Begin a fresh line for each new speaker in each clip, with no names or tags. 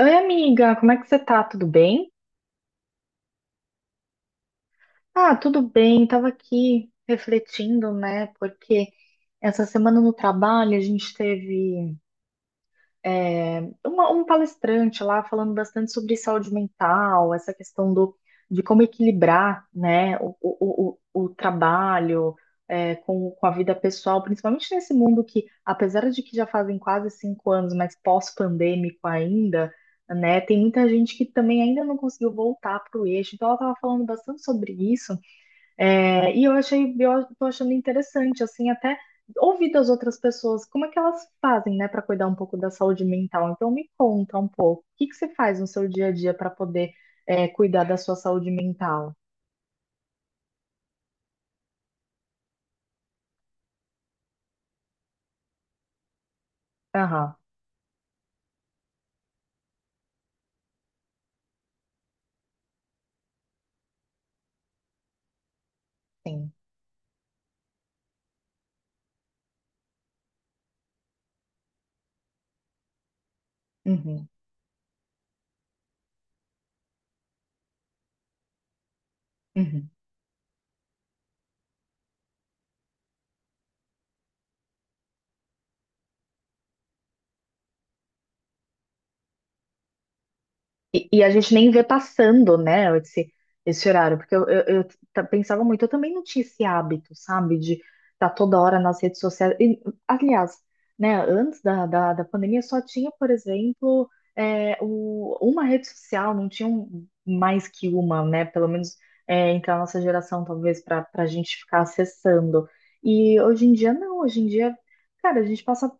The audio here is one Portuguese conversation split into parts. Oi, amiga, como é que você tá? Tudo bem? Ah, tudo bem. Tava aqui refletindo, né? Porque essa semana no trabalho a gente teve. Um palestrante lá falando bastante sobre saúde mental, essa questão do, de como equilibrar, né, o trabalho com a vida pessoal, principalmente nesse mundo que, apesar de que já fazem quase 5 anos, mas pós-pandêmico ainda, né, tem muita gente que também ainda não conseguiu voltar para o eixo. Então, ela estava falando bastante sobre isso. É, e eu tô achando interessante, assim, até ouvir das outras pessoas, como é que elas fazem, né, para cuidar um pouco da saúde mental. Então me conta um pouco, o que que você faz no seu dia a dia para poder cuidar da sua saúde mental? Aham, sim. Uhum, uhum. E a gente nem vê passando, né, esse horário, porque eu pensava muito, eu também não tinha esse hábito, sabe, de estar toda hora nas redes sociais. E, aliás, né, antes da pandemia só tinha, por exemplo, uma rede social, não tinha mais que uma, né, pelo menos entre a nossa geração, talvez, para a gente ficar acessando. E hoje em dia, não, hoje em dia, cara, a gente passa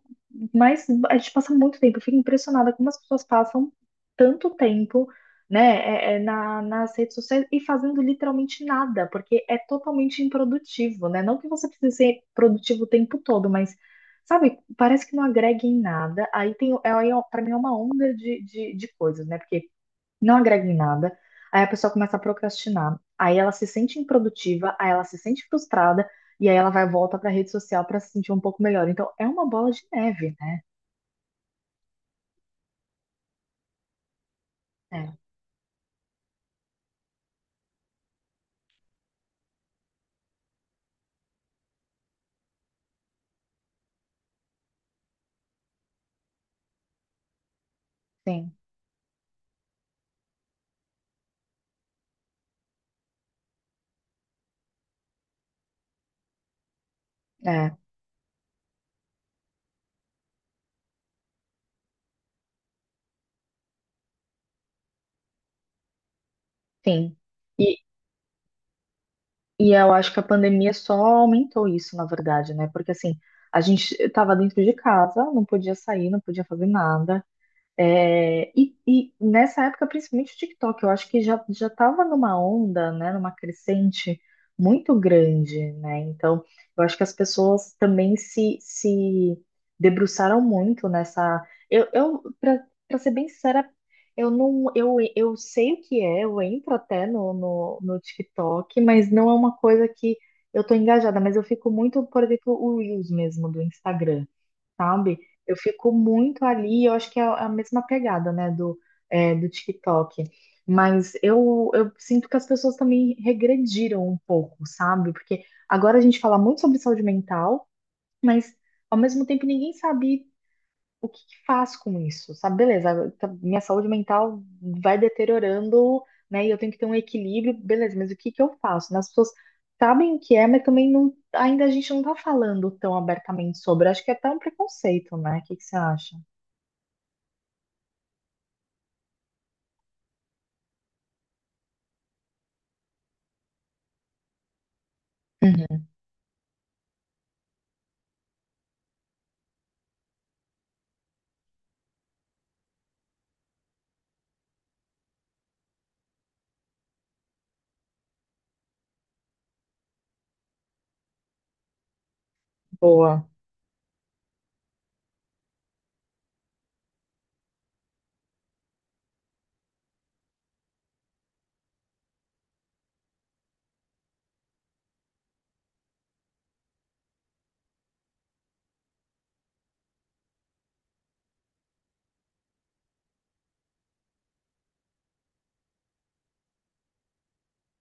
mais, a gente passa muito tempo, eu fico impressionada como as pessoas passam tanto tempo, né, nas redes sociais e fazendo literalmente nada, porque é totalmente improdutivo, né? Não que você precise ser produtivo o tempo todo, mas, sabe, parece que não agrega em nada. Aí tem, aí, ó, pra mim é uma onda de coisas, né? Porque não agrega em nada, aí a pessoa começa a procrastinar, aí ela se sente improdutiva, aí ela se sente frustrada, e aí ela vai volta pra rede social pra se sentir um pouco melhor. Então, é uma bola de neve, né? É, sim, é, sim. E eu acho que a pandemia só aumentou isso, na verdade, né? Porque assim, a gente estava dentro de casa, não podia sair, não podia fazer nada. É, e nessa época, principalmente o TikTok, eu acho que já já estava numa onda, né, numa crescente muito grande, né? Então, eu acho que as pessoas também se debruçaram muito nessa. Eu para ser bem sincera, eu não eu, eu sei o que é, eu entro até no TikTok, mas não é uma coisa que eu tô engajada, mas eu fico muito, por exemplo, o Reels mesmo do Instagram sabe? Eu fico muito ali, eu acho que é a mesma pegada, né, do TikTok. Mas eu sinto que as pessoas também regrediram um pouco, sabe? Porque agora a gente fala muito sobre saúde mental, mas ao mesmo tempo ninguém sabe o que que faz com isso? Sabe, beleza, minha saúde mental vai deteriorando, né? E eu tenho que ter um equilíbrio, beleza, mas o que que eu faço? Né? As pessoas sabem o que é, mas também não, ainda a gente não tá falando tão abertamente sobre. Acho que é até um preconceito, né? O que que você acha? Uhum. Boa.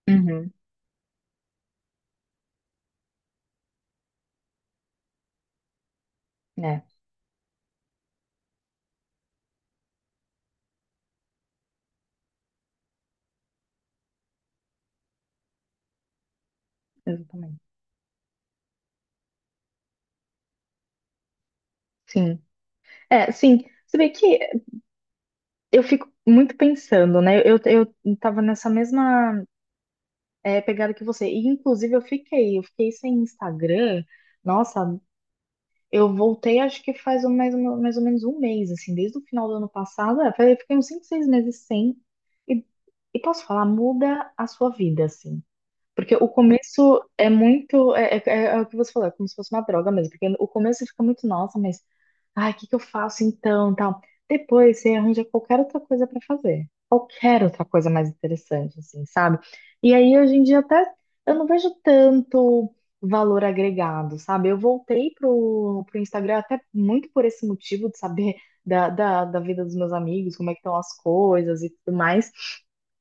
Uhum. É, exatamente. Sim. É, sim. Você vê que eu fico muito pensando, né? Eu tava nessa mesma pegada que você. E, inclusive, eu fiquei sem Instagram. Nossa, eu voltei, acho que faz mais, mais ou menos 1 mês, assim, desde o final do ano passado. É, falei, fiquei uns 5 6 meses sem. E, e posso falar, muda a sua vida, assim. Porque o começo é muito. É, é o que você falou, é como se fosse uma droga mesmo. Porque o começo você fica muito, nossa, mas. Ai, o que que eu faço então? Tal. Depois você arranja qualquer outra coisa pra fazer quero outra coisa mais interessante, assim, sabe? E aí, hoje em dia, até eu não vejo tanto valor agregado, sabe? Eu voltei pro Instagram até muito por esse motivo de saber da vida dos meus amigos, como é que estão as coisas e tudo mais.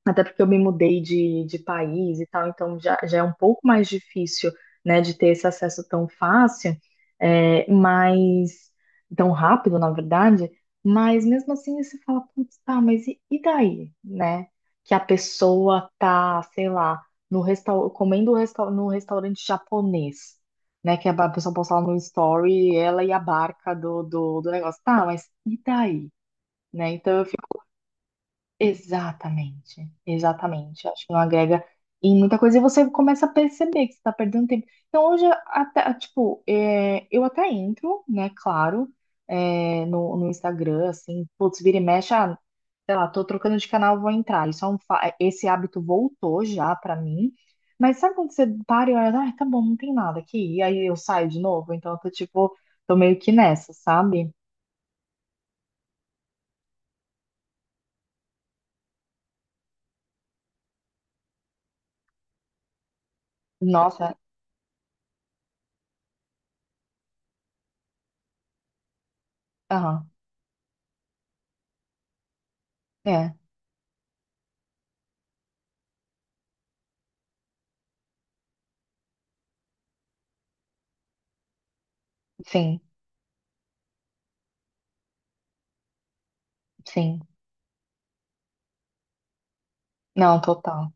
Até porque eu me mudei de país e tal, então já é um pouco mais difícil, né, de ter esse acesso tão fácil, é, mas tão rápido, na verdade. Mas mesmo assim você fala, putz, tá, mas e daí, né? Que a pessoa tá, sei lá, no restau comendo resta no restaurante japonês, né? Que a pessoa posta lá no story, ela e a barca do negócio. Tá, mas e daí? Né? Então eu fico exatamente, exatamente. Acho que não agrega em muita coisa e você começa a perceber que você está perdendo tempo. Então, hoje, até, tipo, é, eu até entro, né, claro, no, no Instagram, assim, putz, vira e mexe, ah, sei lá, tô trocando de canal, vou entrar. Isso é um, esse hábito voltou já pra mim. Mas sabe quando você para e olha, ah, tá bom, não tem nada aqui, e aí eu saio de novo? Então, eu tô, tipo, tô meio que nessa, sabe? Nossa, aham, é, sim, sim. Não, total.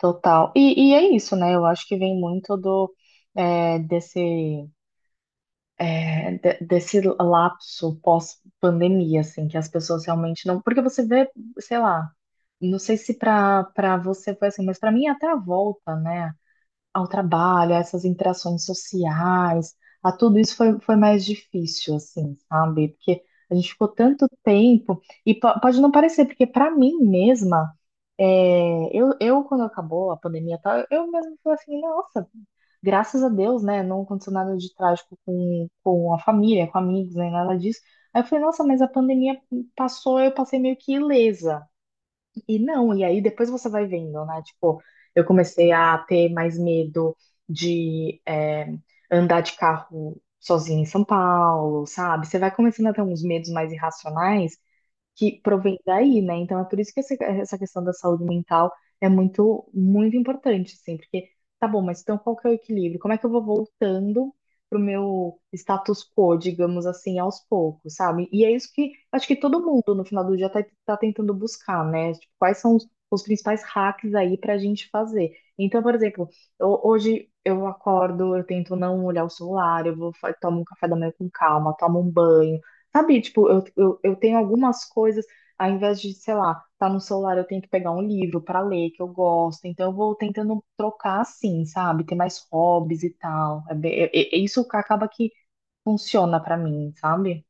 Total. E é isso, né? Eu acho que vem muito do é, desse desse lapso pós-pandemia, assim, que as pessoas realmente não. Porque você vê, sei lá, não sei se pra para você foi assim, mas pra mim até a volta, né? Ao trabalho, a essas interações sociais, a tudo isso foi, foi mais difícil, assim, sabe? Porque a gente ficou tanto tempo, e pode não parecer, porque para mim mesma, eu, quando acabou a pandemia e tal, eu mesma falei assim, nossa, graças a Deus, né? Não aconteceu nada de trágico com a família, com amigos, nem nada disso. Aí eu falei, nossa, mas a pandemia passou, eu passei meio que ilesa. E não, e aí depois você vai vendo, né? Tipo, eu comecei a ter mais medo de andar de carro sozinha em São Paulo, sabe? Você vai começando a ter uns medos mais irracionais que provém daí, né? Então é por isso que essa questão da saúde mental é muito, muito importante, assim, porque tá bom, mas então qual que é o equilíbrio? Como é que eu vou voltando pro meu status quo, digamos assim, aos poucos, sabe? E é isso que acho que todo mundo no final do dia tá tentando buscar, né? Tipo, quais são os principais hacks aí pra gente fazer? Então, por exemplo, hoje eu acordo, eu tento não olhar o celular, eu tomo um café da manhã com calma, tomo um banho. Sabe, tipo, eu tenho algumas coisas, ao invés de, sei lá, tá no celular, eu tenho que pegar um livro para ler que eu gosto. Então eu vou tentando trocar assim, sabe? Ter mais hobbies e tal. É, é isso acaba que funciona para mim, sabe?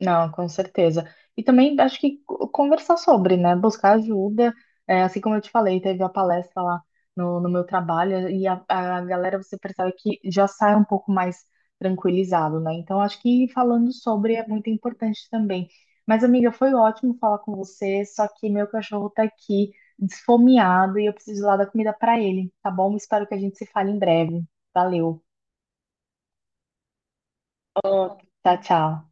Não, com certeza. E também acho que conversar sobre, né? Buscar ajuda. É, assim como eu te falei, teve a palestra lá no meu trabalho e a galera, você percebe que já sai um pouco mais tranquilizado, né? Então acho que falando sobre é muito importante também. Mas, amiga, foi ótimo falar com você, só que meu cachorro tá aqui desfomeado e eu preciso lá da comida pra ele, tá bom? Espero que a gente se fale em breve. Valeu. Tchau, tchau.